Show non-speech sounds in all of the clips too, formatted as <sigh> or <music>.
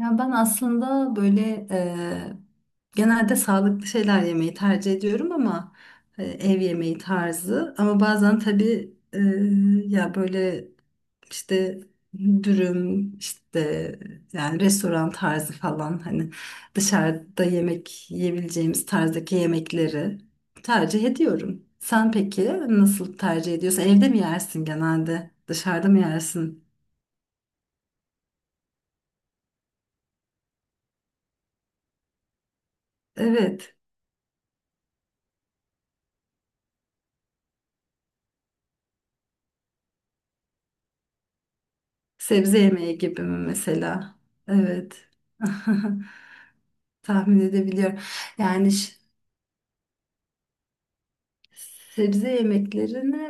Ya ben aslında böyle genelde sağlıklı şeyler yemeyi tercih ediyorum ama ev yemeği tarzı. Ama bazen tabii ya böyle işte dürüm işte yani restoran tarzı falan hani dışarıda yemek yiyebileceğimiz tarzdaki yemekleri tercih ediyorum. Sen peki nasıl tercih ediyorsun? Evde mi yersin genelde? Dışarıda mı yersin? Evet. Sebze yemeği gibi mi mesela? Evet. <laughs> Tahmin edebiliyorum. Yani sebze yemeklerini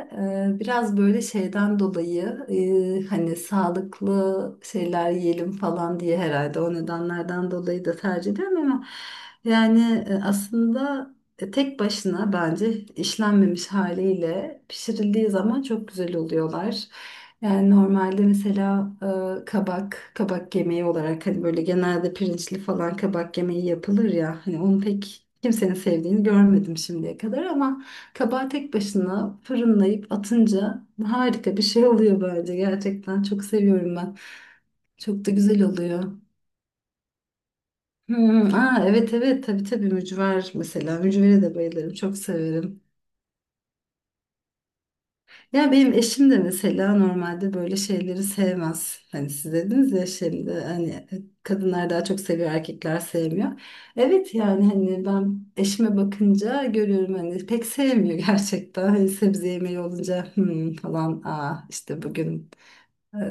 biraz böyle şeyden dolayı hani sağlıklı şeyler yiyelim falan diye herhalde o nedenlerden dolayı da tercih ediyorum ama yani aslında tek başına bence işlenmemiş haliyle pişirildiği zaman çok güzel oluyorlar. Yani normalde mesela kabak, kabak yemeği olarak hani böyle genelde pirinçli falan kabak yemeği yapılır ya hani onu pek kimsenin sevdiğini görmedim şimdiye kadar ama kabağı tek başına fırınlayıp atınca harika bir şey oluyor bence. Gerçekten çok seviyorum ben. Çok da güzel oluyor. Hmm, aa, evet evet tabii tabii mücver mesela. Mücvere de bayılırım. Çok severim. Ya benim eşim de mesela normalde böyle şeyleri sevmez. Hani siz dediniz ya şimdi hani kadınlar daha çok seviyor, erkekler sevmiyor. Evet yani hani ben eşime bakınca görüyorum hani pek sevmiyor <laughs> gerçekten. Hani sebze yemeği olunca "Hmm," falan aa işte bugün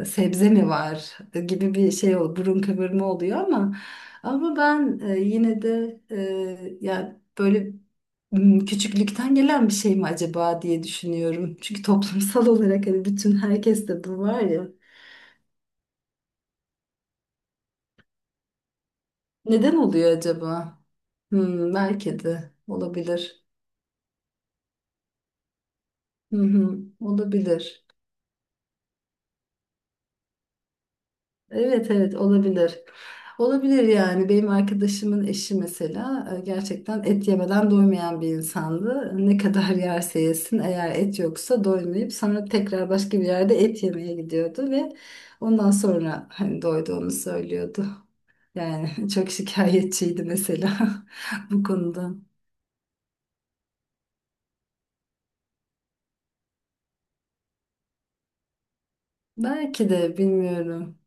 sebze mi var gibi bir şey burun kıvırma oluyor ama ben yine de yani böyle küçüklükten gelen bir şey mi acaba diye düşünüyorum. Çünkü toplumsal olarak hani bütün herkeste bu var ya. Neden oluyor acaba? Hmm, belki de olabilir. Hı hı, olabilir. Evet evet olabilir. Olabilir yani. Benim arkadaşımın eşi mesela gerçekten et yemeden doymayan bir insandı. Ne kadar <laughs> yerse yesin eğer et yoksa doymayıp sonra tekrar başka bir yerde et yemeye gidiyordu ve ondan sonra hani doyduğunu söylüyordu. Yani <laughs> çok şikayetçiydi mesela <laughs> bu konuda. Belki de bilmiyorum.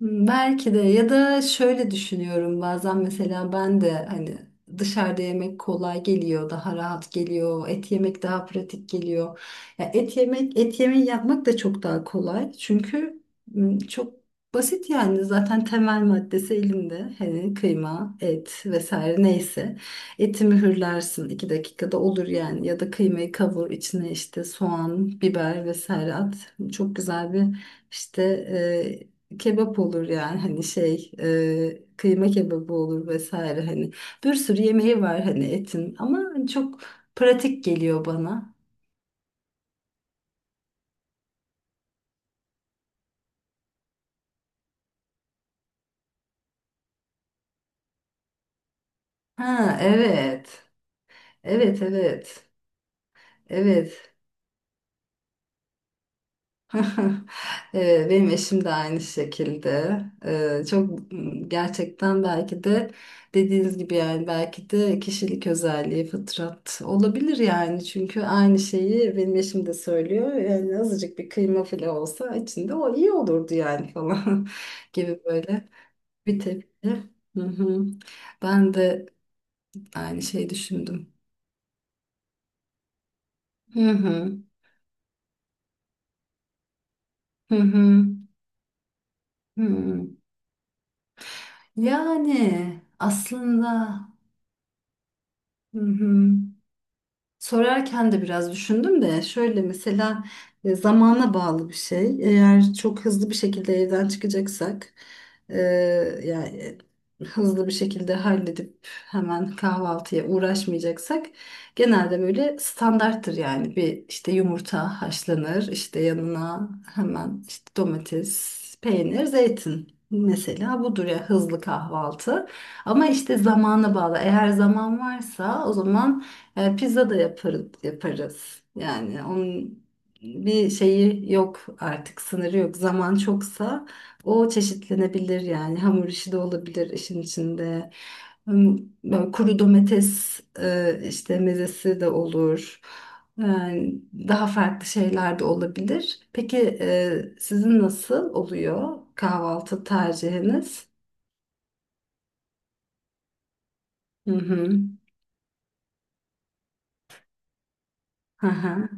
Belki de ya da şöyle düşünüyorum bazen mesela ben de hani dışarıda yemek kolay geliyor, daha rahat geliyor, et yemek daha pratik geliyor. Ya et yemek, et yemeği yapmak da çok daha kolay. Çünkü çok basit yani zaten temel maddesi elinde. Hani kıyma, et vesaire neyse. Eti mühürlersin 2 dakikada olur yani ya da kıymayı kavur içine işte soğan, biber vesaire at. Çok güzel bir işte kebap olur yani hani şey kıyma kebabı olur vesaire hani bir sürü yemeği var hani etin ama hani çok pratik geliyor bana. Ha evet. Evet evet. Evet. <laughs> Benim eşim de aynı şekilde. Çok gerçekten belki de dediğiniz gibi yani belki de kişilik özelliği fıtrat olabilir yani. Çünkü aynı şeyi benim eşim de söylüyor. Yani azıcık bir kıyma file olsa içinde o iyi olurdu yani falan <laughs> gibi böyle bir tepki. Hı hı. Ben de aynı şeyi düşündüm. Hı hı. Hı hı. Hı. Yani aslında hı hı. Sorarken de biraz düşündüm de şöyle mesela zamana bağlı bir şey. Eğer çok hızlı bir şekilde evden çıkacaksak e, yani hızlı bir şekilde halledip hemen kahvaltıya uğraşmayacaksak genelde böyle standarttır yani bir işte yumurta haşlanır işte yanına hemen işte domates, peynir, zeytin. Mesela budur ya hızlı kahvaltı. Ama işte zamana bağlı. Eğer zaman varsa o zaman pizza da yaparız, yaparız. Yani onun bir şeyi yok artık sınırı yok. Zaman çoksa o çeşitlenebilir yani hamur işi de olabilir işin içinde. Hmm, Böyle kuru domates işte mezesi de olur. Yani daha farklı şeyler de olabilir. Peki sizin nasıl oluyor kahvaltı tercihiniz? Hı hı. Hı hı.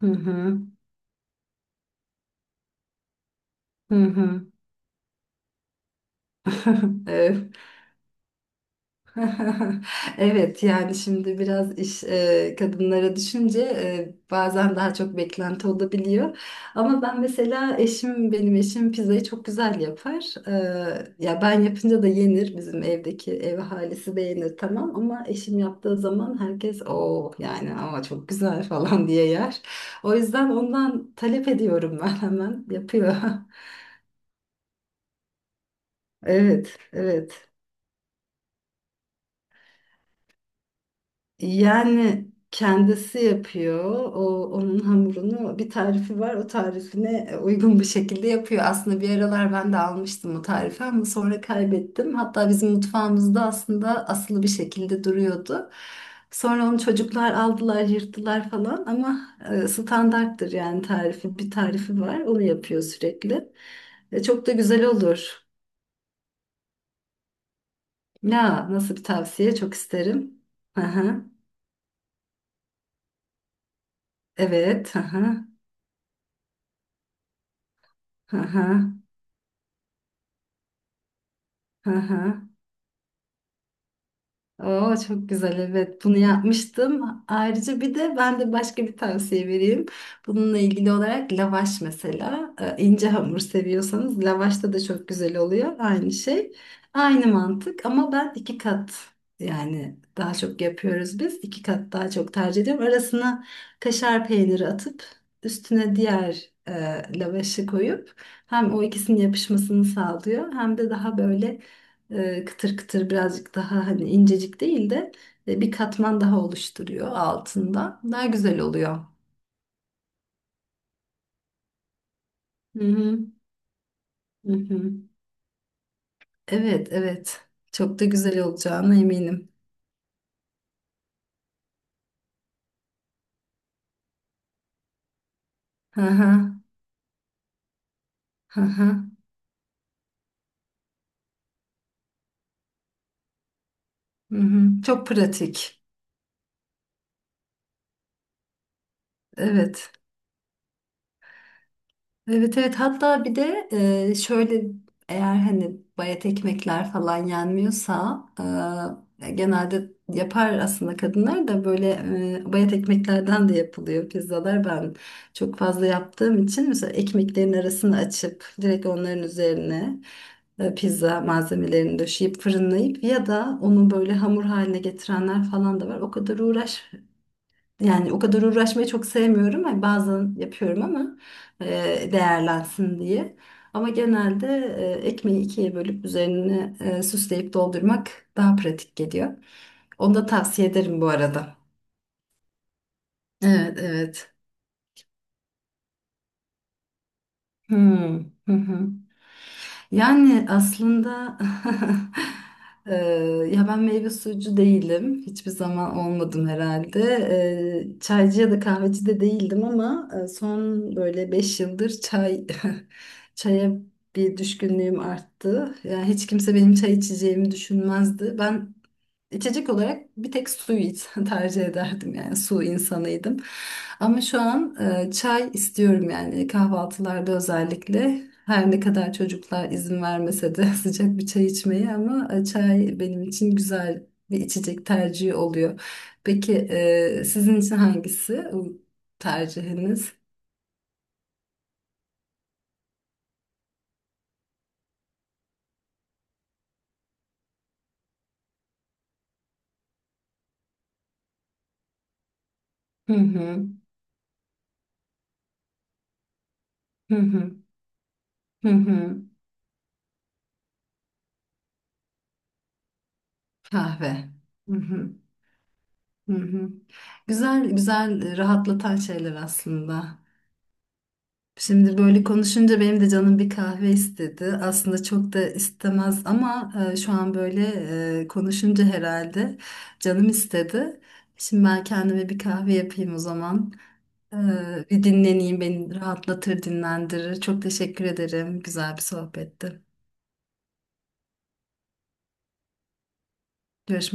Hı hı. Hı hı. Evet. <laughs> Evet yani şimdi biraz iş kadınlara düşünce bazen daha çok beklenti olabiliyor. Ama ben mesela eşim benim eşim pizzayı çok güzel yapar. Ya ben yapınca da yenir bizim evdeki ev ahalisi beğenir tamam ama eşim yaptığı zaman herkes o yani ama çok güzel <laughs> falan diye yer. O yüzden ondan talep ediyorum ben hemen yapıyor. <laughs> Evet, evet. Yani kendisi yapıyor. O onun hamurunu bir tarifi var. O tarifine uygun bir şekilde yapıyor. Aslında bir aralar ben de almıştım o tarifi ama sonra kaybettim. Hatta bizim mutfağımızda aslında asılı bir şekilde duruyordu. Sonra onu çocuklar aldılar, yırttılar falan ama standarttır yani tarifi. Bir tarifi var. Onu yapıyor sürekli. Çok da güzel olur. Ya nasıl bir tavsiye? Çok isterim. Aha, evet. Aha, aha. Hı hı. Oo, çok güzel evet bunu yapmıştım. Ayrıca bir de ben de başka bir tavsiye vereyim. Bununla ilgili olarak lavaş mesela ince hamur seviyorsanız lavaşta da çok güzel oluyor aynı şey. Aynı mantık ama ben 2 kat yani daha çok yapıyoruz biz. 2 kat daha çok tercih ediyorum. Arasına kaşar peyniri atıp üstüne diğer lavaşı koyup hem o ikisinin yapışmasını sağlıyor hem de daha böyle kıtır kıtır birazcık daha hani incecik değil de bir katman daha oluşturuyor altında. Daha güzel oluyor. Hı hı. Hı hı. Evet, evet. Çok da güzel olacağına eminim. Hı hı. Hı hı. Hı hı. Çok pratik. Evet. Evet evet hatta bir de şöyle eğer hani bayat ekmekler falan yenmiyorsa genelde yapar aslında kadınlar da böyle bayat ekmeklerden de yapılıyor pizzalar. Ben çok fazla yaptığım için mesela ekmeklerin arasını açıp direkt onların üzerine pizza malzemelerini döşeyip fırınlayıp ya da onu böyle hamur haline getirenler falan da var. O kadar uğraş yani o kadar uğraşmayı çok sevmiyorum. Hani bazen yapıyorum ama değerlensin diye. Ama genelde ekmeği ikiye bölüp üzerine süsleyip doldurmak daha pratik geliyor. Onu da tavsiye ederim bu arada. Evet, evet. Hmm, Hı hı. Yani aslında <laughs> ya ben meyve suyucu değilim. Hiçbir zaman olmadım herhalde. Çaycı ya da kahveci de değildim ama son böyle 5 yıldır çay <laughs> çaya bir düşkünlüğüm arttı. Yani hiç kimse benim çay içeceğimi düşünmezdi. Ben İçecek olarak bir tek suyu <laughs> tercih ederdim yani su insanıydım. Ama şu an çay istiyorum yani kahvaltılarda özellikle. Her ne kadar çocuklar izin vermese de <laughs> sıcak bir çay içmeyi ama çay benim için güzel bir içecek tercihi oluyor. Peki sizin için hangisi o tercihiniz? Hı hı, hı hı, hı hı. Kahve. Hı hı, hı hı. Güzel güzel rahatlatan şeyler aslında. Şimdi böyle konuşunca benim de canım bir kahve istedi. Aslında çok da istemez ama şu an böyle konuşunca herhalde canım istedi. Şimdi ben kendime bir kahve yapayım o zaman. E, bir dinleneyim, beni rahatlatır, dinlendirir. Çok teşekkür ederim. Güzel bir sohbetti. Görüşmek